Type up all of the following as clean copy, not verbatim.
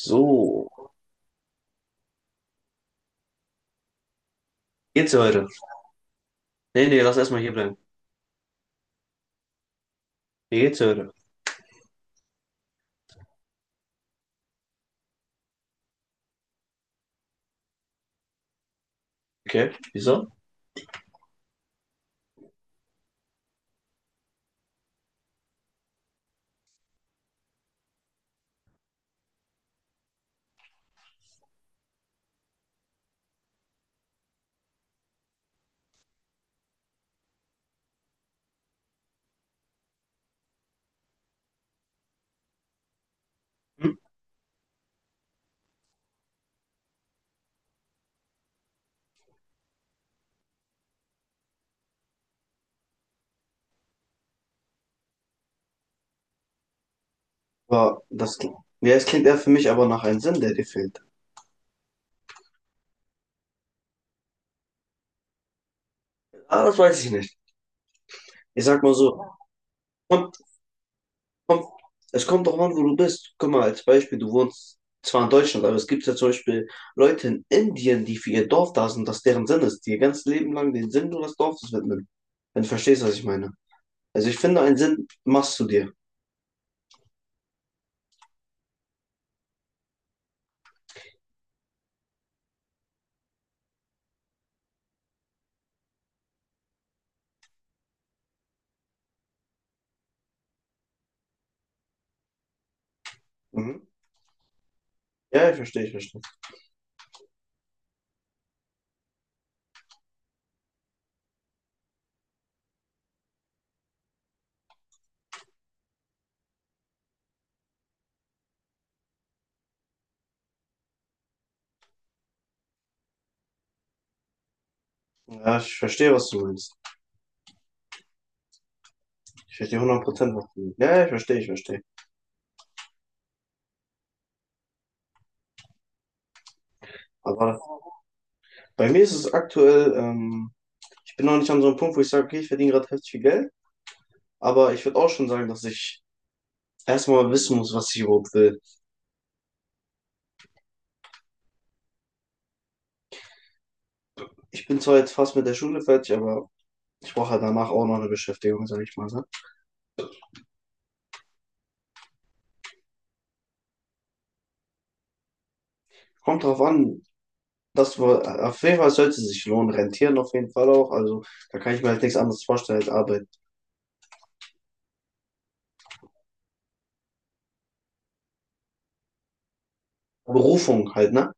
So. Geht's heute? Nee, nee, lass erstmal hier bleiben. Wie geht's heute? Okay, wieso? Hm? Aber das, ja, es klingt eher für mich aber nach einem Sinn, der dir fehlt. Ah, das weiß ich nicht. Ich sag mal so, kommt, kommt, es kommt doch an, wo du bist. Guck mal, als Beispiel, du wohnst zwar in Deutschland, aber es gibt ja zum Beispiel Leute in Indien, die für ihr Dorf da sind, das deren Sinn ist, die ihr ganzes Leben lang den Sinn nur des Dorfes widmen. Wenn du verstehst, was ich meine. Also ich finde, einen Sinn machst du dir. Mhm. Ja, ich verstehe, ich verstehe. Ja, ich verstehe, was du meinst. Ich verstehe 100%, was du meinst. Ja, ja, ich verstehe, ich verstehe. Aber bei mir ist es aktuell, ich bin noch nicht an so einem Punkt, wo ich sage, okay, ich verdiene gerade heftig viel Geld, aber ich würde auch schon sagen, dass ich erstmal wissen muss, was ich überhaupt will. Ich bin zwar jetzt fast mit der Schule fertig, aber ich brauche halt danach auch noch eine Beschäftigung, sage ich mal. Ne? Kommt drauf an, dass wir, auf jeden Fall sollte es sich lohnen, rentieren auf jeden Fall auch. Also da kann ich mir halt nichts anderes vorstellen als Arbeit. Berufung halt, ne?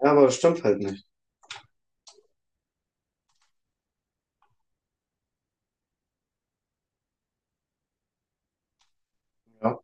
Ja, aber das stimmt halt nicht. Ja,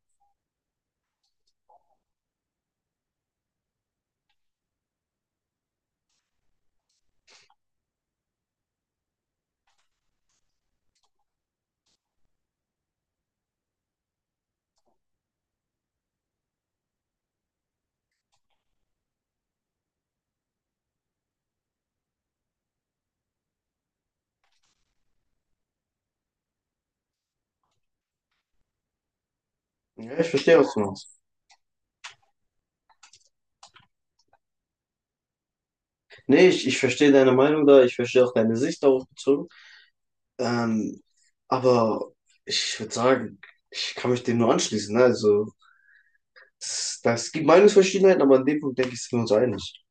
ja ich verstehe was du meinst. Nee, ich verstehe deine Meinung da, ich verstehe auch deine Sicht darauf bezogen. Ähm, aber ich würde sagen, ich kann mich dem nur anschließen. Ne? Also, das gibt Meinungsverschiedenheiten, aber an dem Punkt denke ich, sind wir uns einig.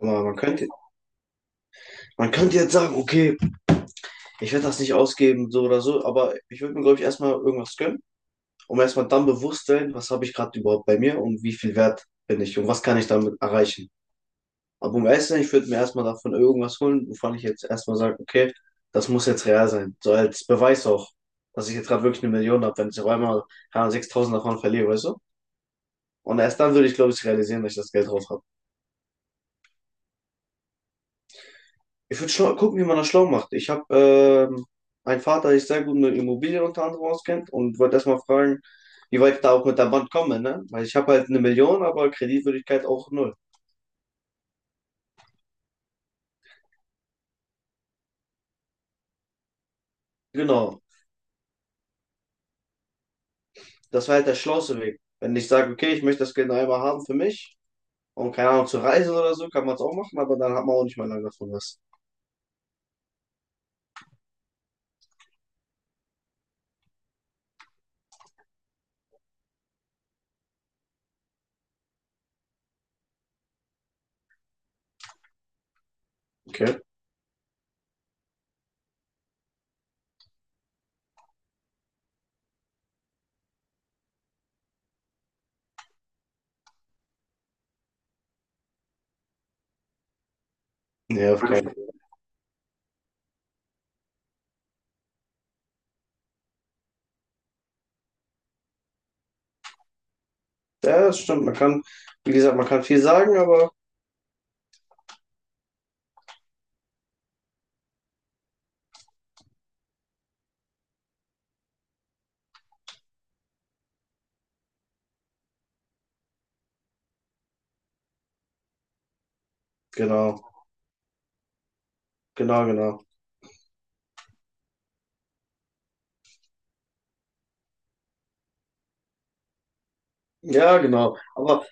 Guck man könnte jetzt sagen, okay, ich werde das nicht ausgeben, so oder so, aber ich würde mir, glaube ich, erstmal irgendwas gönnen, um erstmal dann bewusst sein, was habe ich gerade überhaupt bei mir und wie viel wert bin ich und was kann ich damit erreichen. Aber um ehrlich zu sein, ich würde mir erstmal davon irgendwas holen, wovon ich jetzt erstmal sage, okay, das muss jetzt real sein. So als Beweis auch, dass ich jetzt gerade wirklich eine Million habe, wenn ich auf einmal keine Ahnung, 6.000 davon verliere, weißt du? Und erst dann würde ich, glaube ich, realisieren, dass ich das Geld drauf habe. Ich würde schlau gucken, wie man das schlau macht. Ich habe einen Vater, der sich sehr gut mit Immobilien unter anderem auskennt und wollte erstmal fragen, wie weit ich da auch mit der Bank komme, ne? Weil ich habe halt eine Million, aber Kreditwürdigkeit auch null. Genau, das wäre halt der schlauste Weg. Wenn ich sage, okay, ich möchte das Geld noch einmal haben für mich. Und keine Ahnung, zu reisen oder so kann man es auch machen, aber dann hat man auch nicht mehr lange davon was. Okay. Nee, auf keinen Fall. Ja, das stimmt. Man kann, wie gesagt, man kann viel sagen, aber genau, genau, genau. Ja, genau. Aber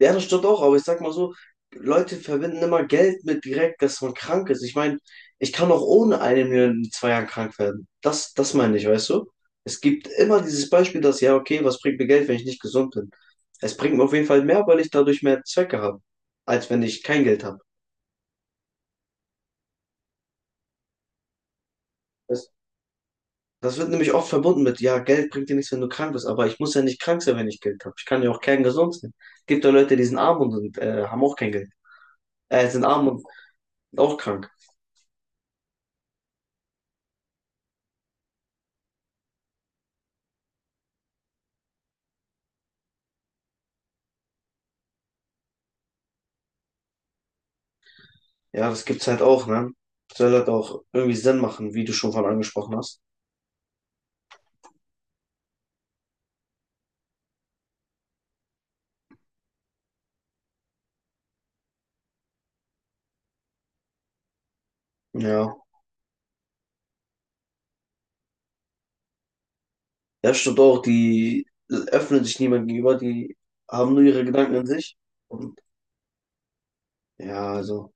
ja, das stimmt auch. Aber ich sag mal so, Leute verbinden immer Geld mit direkt, dass man krank ist. Ich meine, ich kann auch ohne eine Million in 2 Jahren krank werden. Das meine ich, weißt du? Es gibt immer dieses Beispiel, dass, ja, okay, was bringt mir Geld, wenn ich nicht gesund bin? Es bringt mir auf jeden Fall mehr, weil ich dadurch mehr Zwecke habe, als wenn ich kein Geld habe. Das wird nämlich oft verbunden mit, ja, Geld bringt dir nichts, wenn du krank bist, aber ich muss ja nicht krank sein, wenn ich Geld habe. Ich kann ja auch kerngesund sein. Es gibt ja Leute, die sind arm und sind, haben auch kein Geld. Sind arm und sind auch krank. Ja, das gibt's halt auch, ne? Soll halt auch irgendwie Sinn machen, wie du schon von angesprochen hast. Ja. Ja, stimmt auch, die öffnen sich niemand gegenüber, die haben nur ihre Gedanken in sich. Und ja, also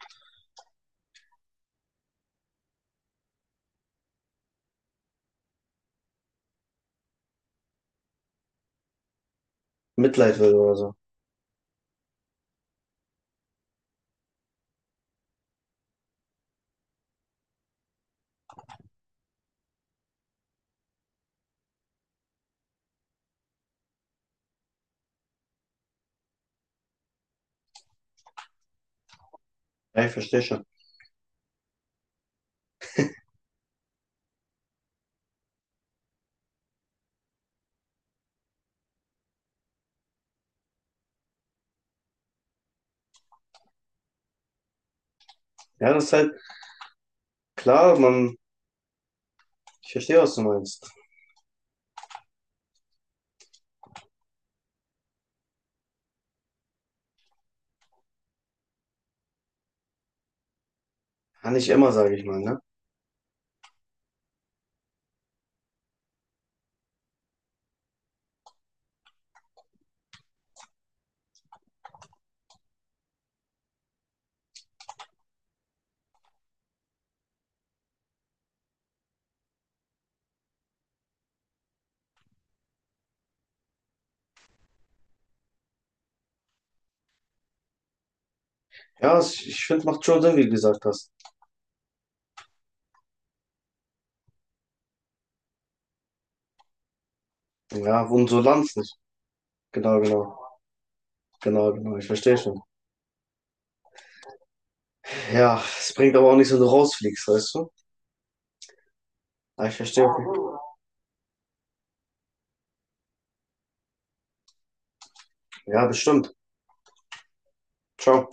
Mitleid will oder so. Ja, ich verstehe schon. Ja, das ist halt klar, man, ich verstehe, was du meinst. Kann nicht immer, sage ich mal, ne? Ja, es- ich finde, macht schon Sinn, wie du gesagt hast. Ja, und so Lanz nicht. Genau, genau. Genau, genau. Ich verstehe schon. Ja, es bringt aber auch nichts, wenn du rausfliegst, weißt du? Ja, ich verstehe. Ja, bestimmt. Ciao.